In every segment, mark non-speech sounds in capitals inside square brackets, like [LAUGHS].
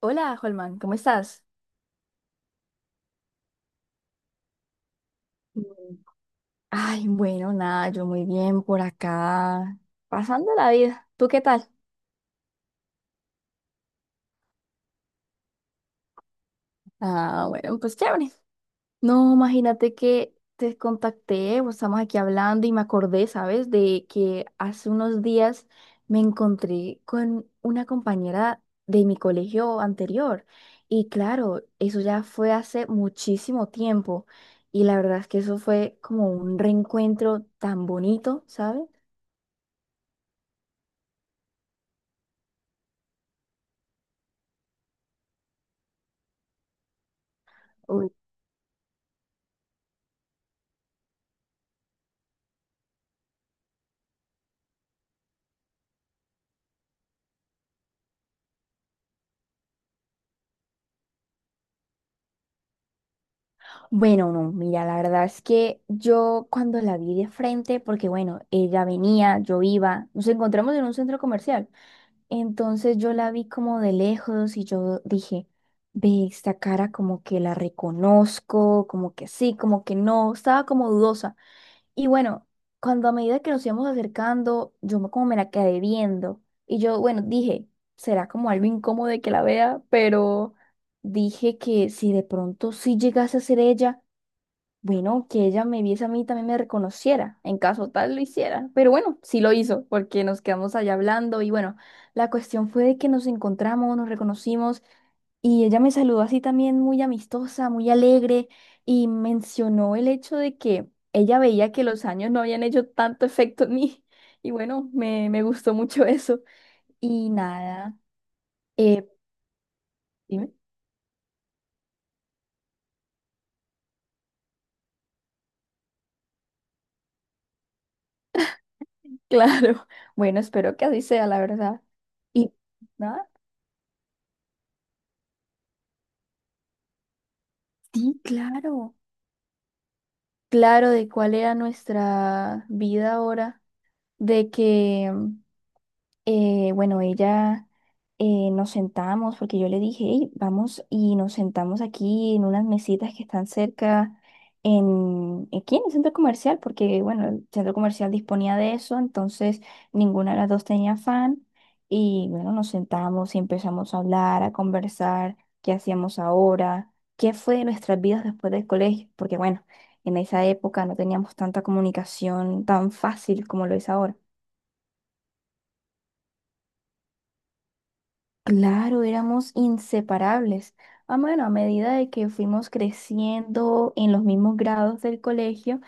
Hola, Holman, ¿cómo estás? Mm, Ay, bueno, nada, yo muy bien por acá, pasando la vida. ¿Tú qué tal? Ah, bueno, pues chévere. No, imagínate que te contacté, pues, estamos aquí hablando y me acordé, ¿sabes? De que hace unos días me encontré con una compañera de mi colegio anterior. Y claro, eso ya fue hace muchísimo tiempo. Y la verdad es que eso fue como un reencuentro tan bonito, ¿sabes? Bueno, no, mira, la verdad es que yo cuando la vi de frente, porque bueno, ella venía, yo iba, nos encontramos en un centro comercial. Entonces yo la vi como de lejos y yo dije, ve esta cara como que la reconozco, como que sí, como que no, estaba como dudosa. Y bueno, cuando a medida que nos íbamos acercando, como me la quedé viendo y yo, bueno, dije, será como algo incómodo de que la vea, pero dije que si de pronto sí llegase a ser ella, bueno, que ella me viese a mí y también me reconociera, en caso tal lo hiciera. Pero bueno, sí lo hizo, porque nos quedamos allá hablando y bueno, la cuestión fue de que nos encontramos, nos reconocimos y ella me saludó así también muy amistosa, muy alegre y mencionó el hecho de que ella veía que los años no habían hecho tanto efecto en mí [LAUGHS] y bueno, me gustó mucho eso. Y nada, eh, dime. [LAUGHS] Claro, bueno, espero que así sea, la verdad. Y nada, sí, claro. Claro de cuál era nuestra vida ahora, de que bueno, ella, nos sentamos porque yo le dije, "Ey, vamos y nos sentamos aquí en unas mesitas que están cerca, aquí en el centro comercial, porque bueno, el centro comercial disponía de eso, entonces ninguna de las dos tenía fan. Y bueno, nos sentamos y empezamos a hablar, a conversar, qué hacíamos ahora, qué fue de nuestras vidas después del colegio, porque bueno, en esa época no teníamos tanta comunicación tan fácil como lo es ahora. Claro, éramos inseparables. Ah, bueno, a medida de que fuimos creciendo en los mismos grados del colegio,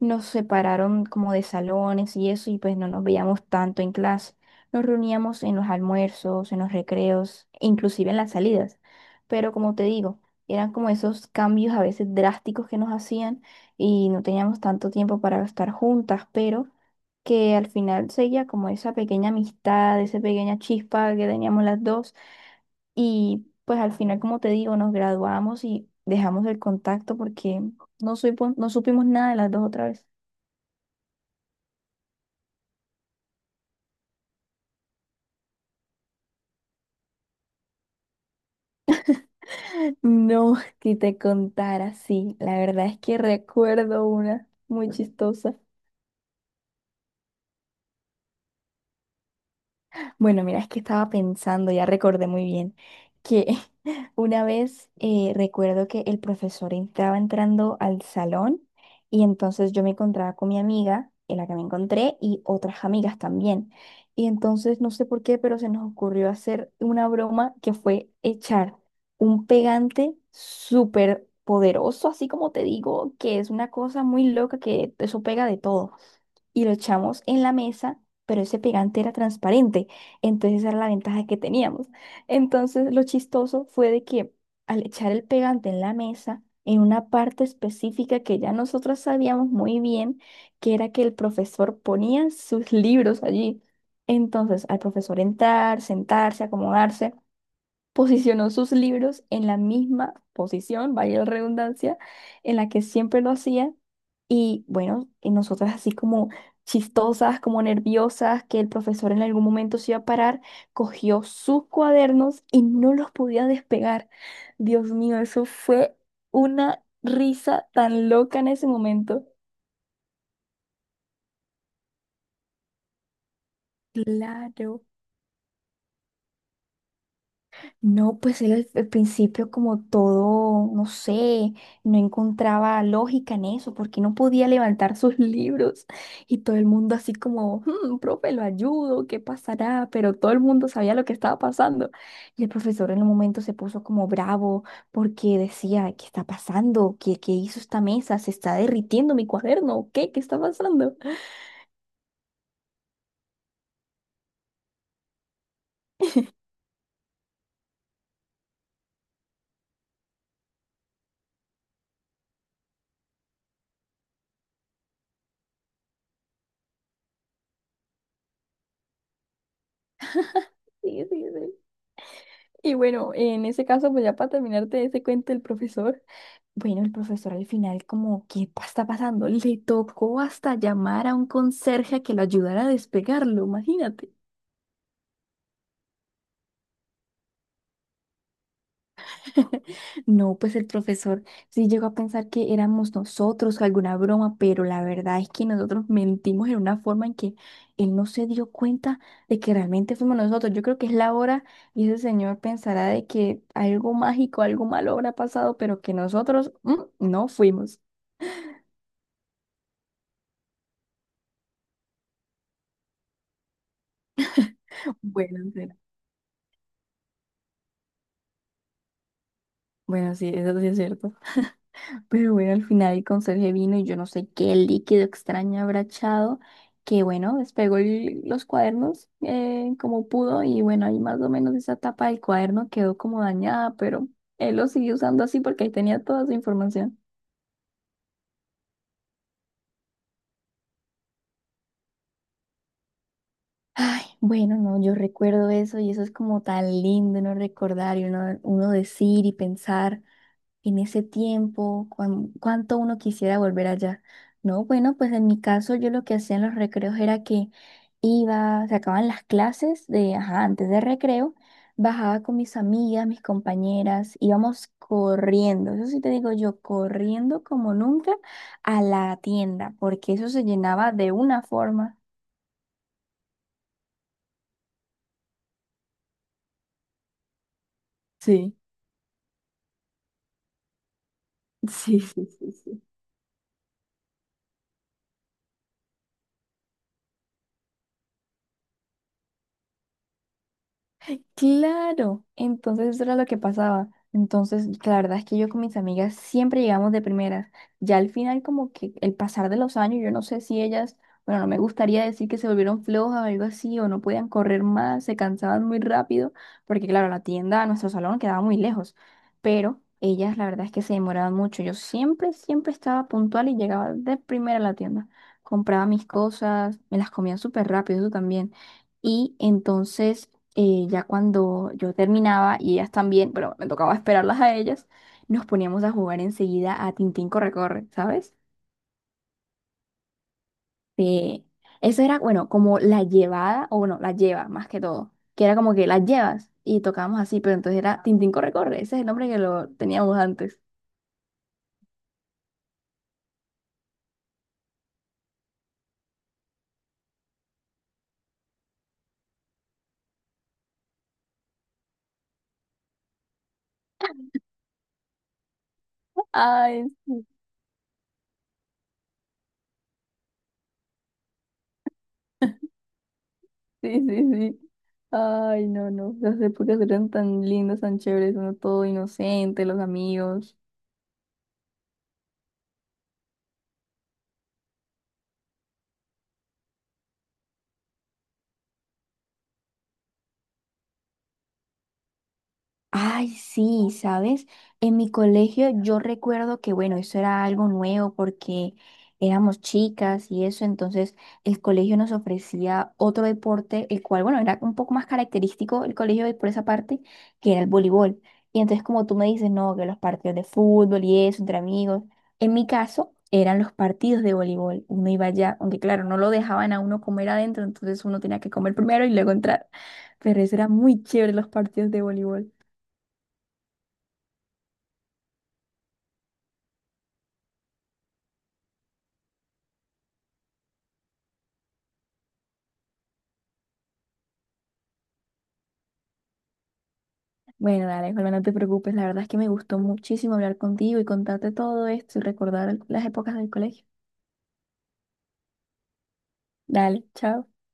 nos separaron como de salones y eso, y pues no nos veíamos tanto en clase. Nos reuníamos en los almuerzos, en los recreos, inclusive en las salidas. Pero como te digo, eran como esos cambios a veces drásticos que nos hacían y no teníamos tanto tiempo para estar juntas, pero que al final seguía como esa pequeña amistad, esa pequeña chispa que teníamos las dos. Y pues al final, como te digo, nos graduamos y dejamos el contacto porque no supimos nada de las dos otra vez. [LAUGHS] No, que te contara, sí. La verdad es que recuerdo una muy chistosa. Bueno, mira, es que estaba pensando, ya recordé muy bien, que [LAUGHS] una vez recuerdo que el profesor estaba entrando al salón y entonces yo me encontraba con mi amiga, en la que me encontré, y otras amigas también. Y entonces no sé por qué, pero se nos ocurrió hacer una broma que fue echar un pegante súper poderoso, así como te digo, que es una cosa muy loca que eso pega de todo y lo echamos en la mesa, pero ese pegante era transparente. Entonces esa era la ventaja que teníamos. Entonces lo chistoso fue de que al echar el pegante en la mesa, en una parte específica que ya nosotros sabíamos muy bien, que era que el profesor ponía sus libros allí. Entonces al profesor entrar, sentarse, acomodarse posicionó sus libros en la misma posición, vaya la redundancia, en la que siempre lo hacía. Y bueno, y nosotras así como chistosas, como nerviosas, que el profesor en algún momento se iba a parar, cogió sus cuadernos y no los podía despegar. Dios mío, eso fue una risa tan loca en ese momento. Claro. No, pues él al principio como todo, no sé, no encontraba lógica en eso, porque no podía levantar sus [LAUGHS] libros y todo el mundo así como, "Hmm, profe, lo ayudo, ¿qué pasará? Pero todo el mundo sabía lo que estaba pasando. Y el profesor en un momento se puso como bravo porque decía, ¿qué está pasando? ¿Qué hizo esta mesa? ¿Se está derritiendo mi cuaderno? ¿Qué? ¿Qué está pasando? [LAUGHS] Sí, sí, sí. Y bueno, en ese caso, pues ya para terminarte ese cuento del profesor. Bueno, el profesor al final como, ¿está pasando? Le tocó hasta llamar a un conserje a que lo ayudara a despegarlo, imagínate. [LAUGHS] No, pues el profesor sí llegó a pensar que éramos nosotros alguna broma, pero la verdad es que nosotros mentimos en una forma en que él no se dio cuenta de que realmente fuimos nosotros. Yo creo que es la hora y ese señor pensará de que algo mágico, algo malo habrá pasado, pero que nosotros no fuimos. [LAUGHS] Bueno, sí, bueno, sí, eso sí es cierto. Pero bueno, al final el conserje vino y yo no sé qué líquido extraño habrá echado, que bueno, los cuadernos como pudo y bueno, ahí más o menos esa tapa del cuaderno quedó como dañada, pero él lo siguió usando así porque ahí tenía toda su información. Ay, bueno, no, yo recuerdo eso y eso es como tan lindo uno recordar y uno decir y pensar. En ese tiempo, cuánto uno quisiera volver allá. No, bueno, pues en mi caso yo lo que hacía en los recreos era que iba, se acababan las clases de, ajá, antes de recreo, bajaba con mis amigas, mis compañeras, íbamos corriendo, eso sí te digo yo, corriendo como nunca a la tienda, porque eso se llenaba de una forma. Sí, [LAUGHS] sí, sí, sí, sí. Claro, entonces eso era lo que pasaba. Entonces, la verdad es que yo con mis amigas siempre llegamos de primeras. Ya al final, como que el pasar de los años, yo no sé si ellas, bueno, no me gustaría decir que se volvieron flojas o algo así, o no podían correr más, se cansaban muy rápido, porque claro, la tienda a nuestro salón quedaba muy lejos, pero ellas la verdad es que se demoraban mucho. Yo siempre, siempre estaba puntual y llegaba de primera a la tienda. Compraba mis cosas, me las comía súper rápido, eso también. Y y ya cuando yo terminaba y ellas también, pero me tocaba esperarlas a ellas, nos poníamos a jugar enseguida a Tintín Corre Corre, ¿sabes? Sí. Eso era, bueno, como la llevada, o bueno, la lleva más que todo, que era como que las llevas y tocábamos así, pero entonces era Tintín Corre Corre, ese es el nombre que lo teníamos antes. [LAUGHS] Ay, sí, sí, sí. sí. Ay, no, no, las épocas eran tan lindas, tan chéveres, uno todo inocente, los amigos. Ay, sí, ¿sabes? En mi colegio yo recuerdo que, bueno, eso era algo nuevo porque éramos chicas y eso, entonces el colegio nos ofrecía otro deporte, el cual, bueno, era un poco más característico el colegio por esa parte, que era el voleibol. Y entonces como tú me dices, no, que los partidos de fútbol y eso, entre amigos, en mi caso eran los partidos de voleibol. Uno iba allá, aunque claro, no lo dejaban a uno comer adentro, entonces uno tenía que comer primero y luego entrar. Pero eso era muy chévere los partidos de voleibol. Bueno, dale, Holman, no te preocupes. La verdad es que me gustó muchísimo hablar contigo y contarte todo esto y recordar las épocas del colegio. Dale, chao.